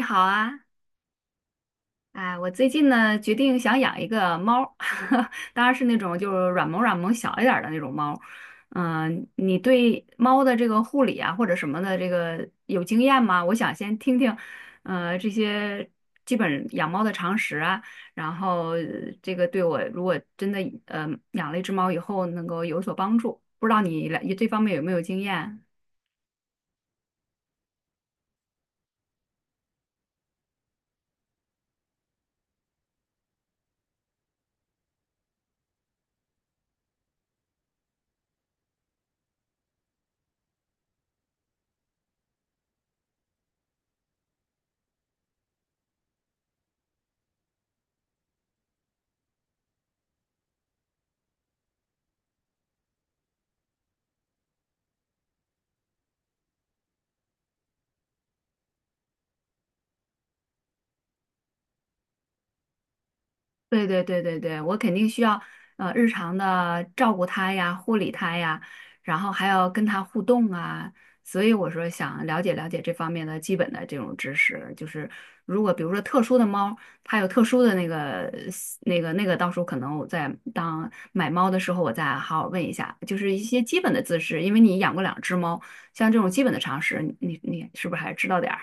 你好啊。哎，我最近呢决定想养一个猫儿，当然是那种就是软萌软萌小一点儿的那种猫儿。嗯，你对猫的这个护理啊或者什么的这个有经验吗？我想先听听，这些基本养猫的常识啊。然后这个对我如果真的呃养了一只猫以后能够有所帮助，不知道你来这方面有没有经验？对对对对对，我肯定需要日常的照顾它呀、护理它呀，然后还要跟它互动啊。所以我说想了解了解这方面的基本的这种知识，就是如果比如说特殊的猫，它有特殊的那个那个那个，到时候可能我在当买猫的时候，我再好好问一下，就是一些基本的姿势，因为你养过两只猫，像这种基本的常识，你是不是还知道点儿？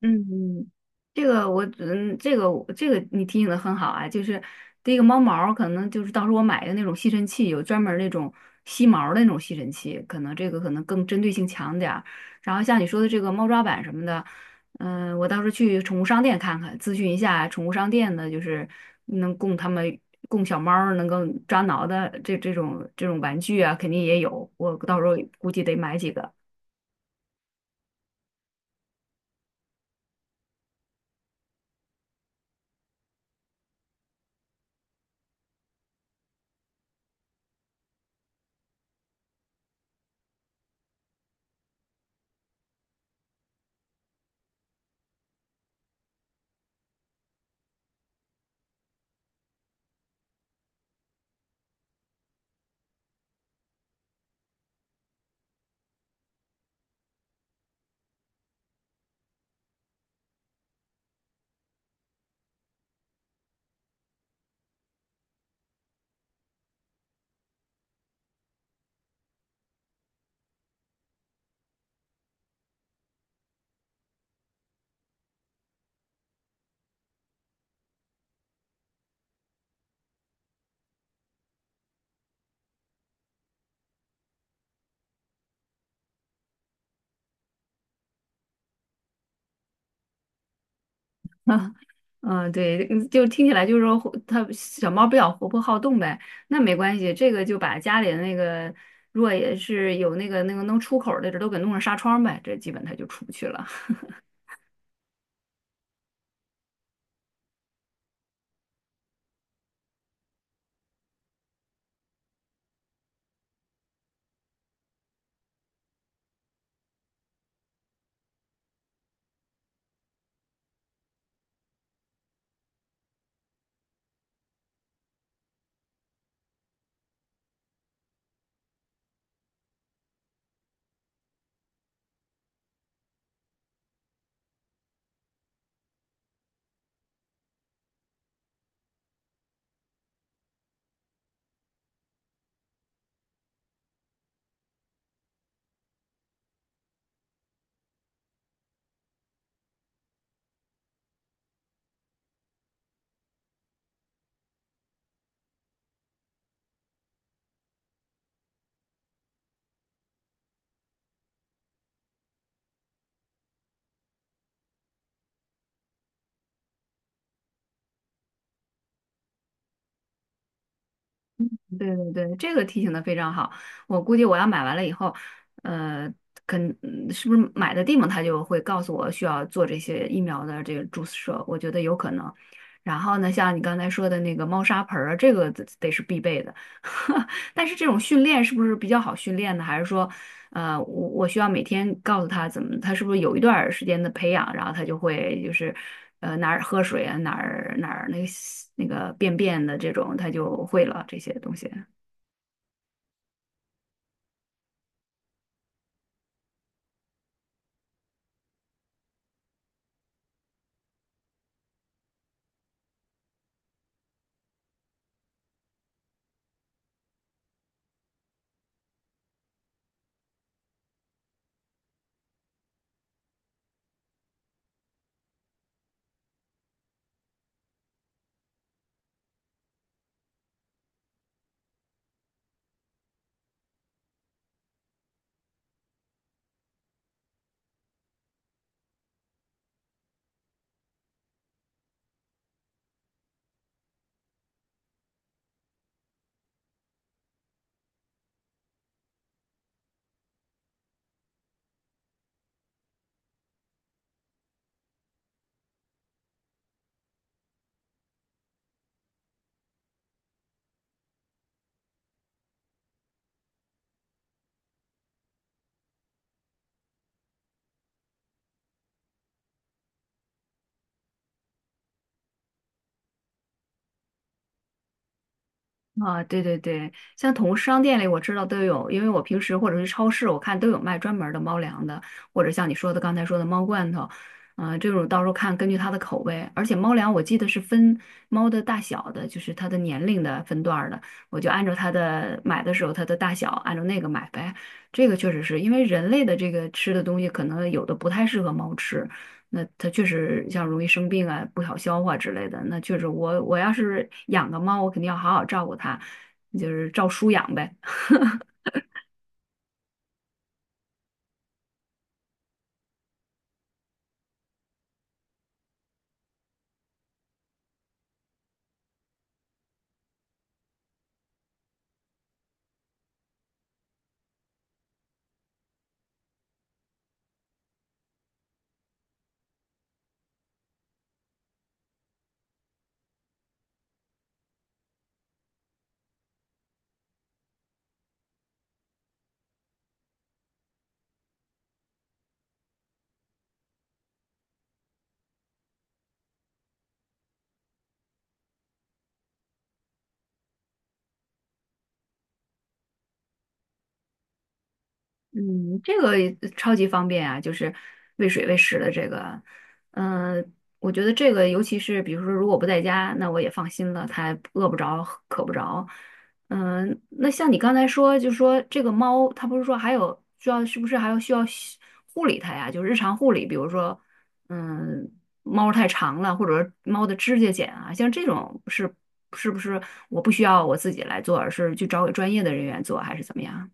嗯，嗯，这个我嗯，这个我这个你提醒的很好啊，就是第一个猫毛儿可能就是到时候我买的那种吸尘器，有专门儿那种吸毛儿的那种吸尘器，可能这个可能更针对性强点儿。然后像你说的这个猫抓板什么的，嗯、我到时候去宠物商店看看，咨询一下宠物商店的，就是能供它们供小猫儿能够抓挠的这种玩具啊，肯定也有，我到时候估计得买几个。嗯，对，嗯就听起来就是说活，它小猫比较活泼好动呗，那没关系，这个就把家里的那个，如果也是有那个能出口儿的，这都给弄上纱窗呗，这基本它就出不去了。对对对，这个提醒的非常好。我估计我要买完了以后，呃，是不是买的地方他就会告诉我需要做这些疫苗的这个注射，我觉得有可能。然后呢，像你刚才说的那个猫砂盆儿啊，这个得是必备的。但是这种训练是不是比较好训练呢？还是说，我需要每天告诉他怎么，他是不是有一段儿时间的培养，然后他就会就是，哪儿喝水啊，哪儿那个那个便便的这种，他就会了这些东西。啊，对对对，像宠物商店里我知道都有，因为我平时或者是超市，我看都有卖专门儿的猫粮的，或者像你说的刚才说的猫罐头。嗯、这种到时候看根据它的口味，而且猫粮我记得是分猫的大小的，就是它的年龄的分段儿的，我就按照它的买的时候它的大小按照那个买呗。这个确实是因为人类的这个吃的东西，可能有的不太适合猫吃，那它确实像容易生病啊、不好消化之类的。那确实我，我要是养个猫，我肯定要好好照顾它，就是照书养呗。嗯，这个也超级方便啊，就是喂水喂食的这个，嗯、我觉得这个尤其是比如说如果不在家，那我也放心了，它饿不着，渴不着。嗯、那像你刚才说，就说这个猫，它不是说还有需要，是不是还要需要护理它呀？就是日常护理，比如说，嗯，猫太长了，或者说猫的指甲剪啊，像这种是是不是我不需要我自己来做，而是去找给专业的人员做，还是怎么样？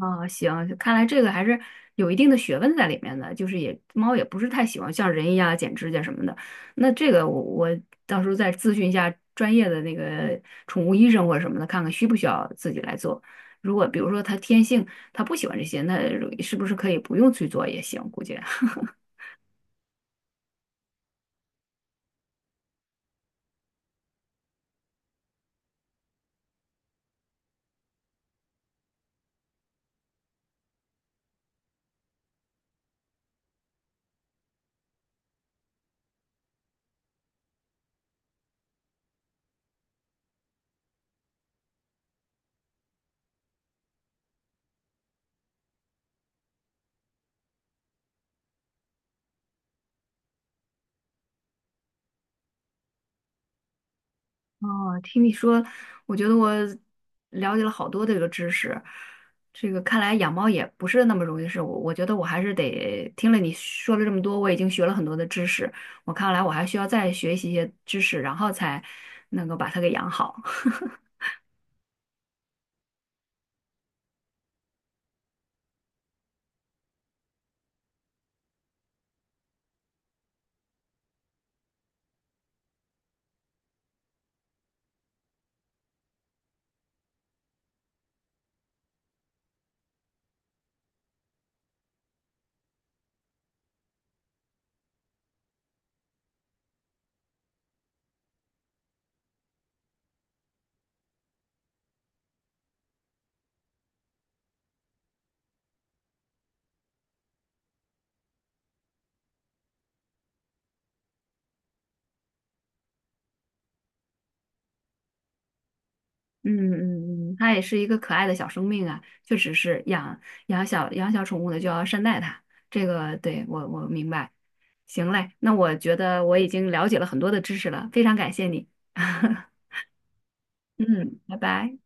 啊，行，看来这个还是有一定的学问在里面的，就是也猫也不是太喜欢像人一样剪指甲什么的。那这个我到时候再咨询一下专业的那个宠物医生或者什么的，看看需不需要自己来做。如果比如说它天性它不喜欢这些，那是不是可以不用去做也行？估计。哦，听你说，我觉得我了解了好多这个知识。这个看来养猫也不是那么容易的事，我觉得我还是得听了你说了这么多，我已经学了很多的知识，我看来我还需要再学习一些知识，然后才能够把它给养好。嗯嗯嗯，它也是一个可爱的小生命啊，确实是养小宠物的就要善待它，这个对我明白。行嘞，那我觉得我已经了解了很多的知识了，非常感谢你。嗯，拜拜。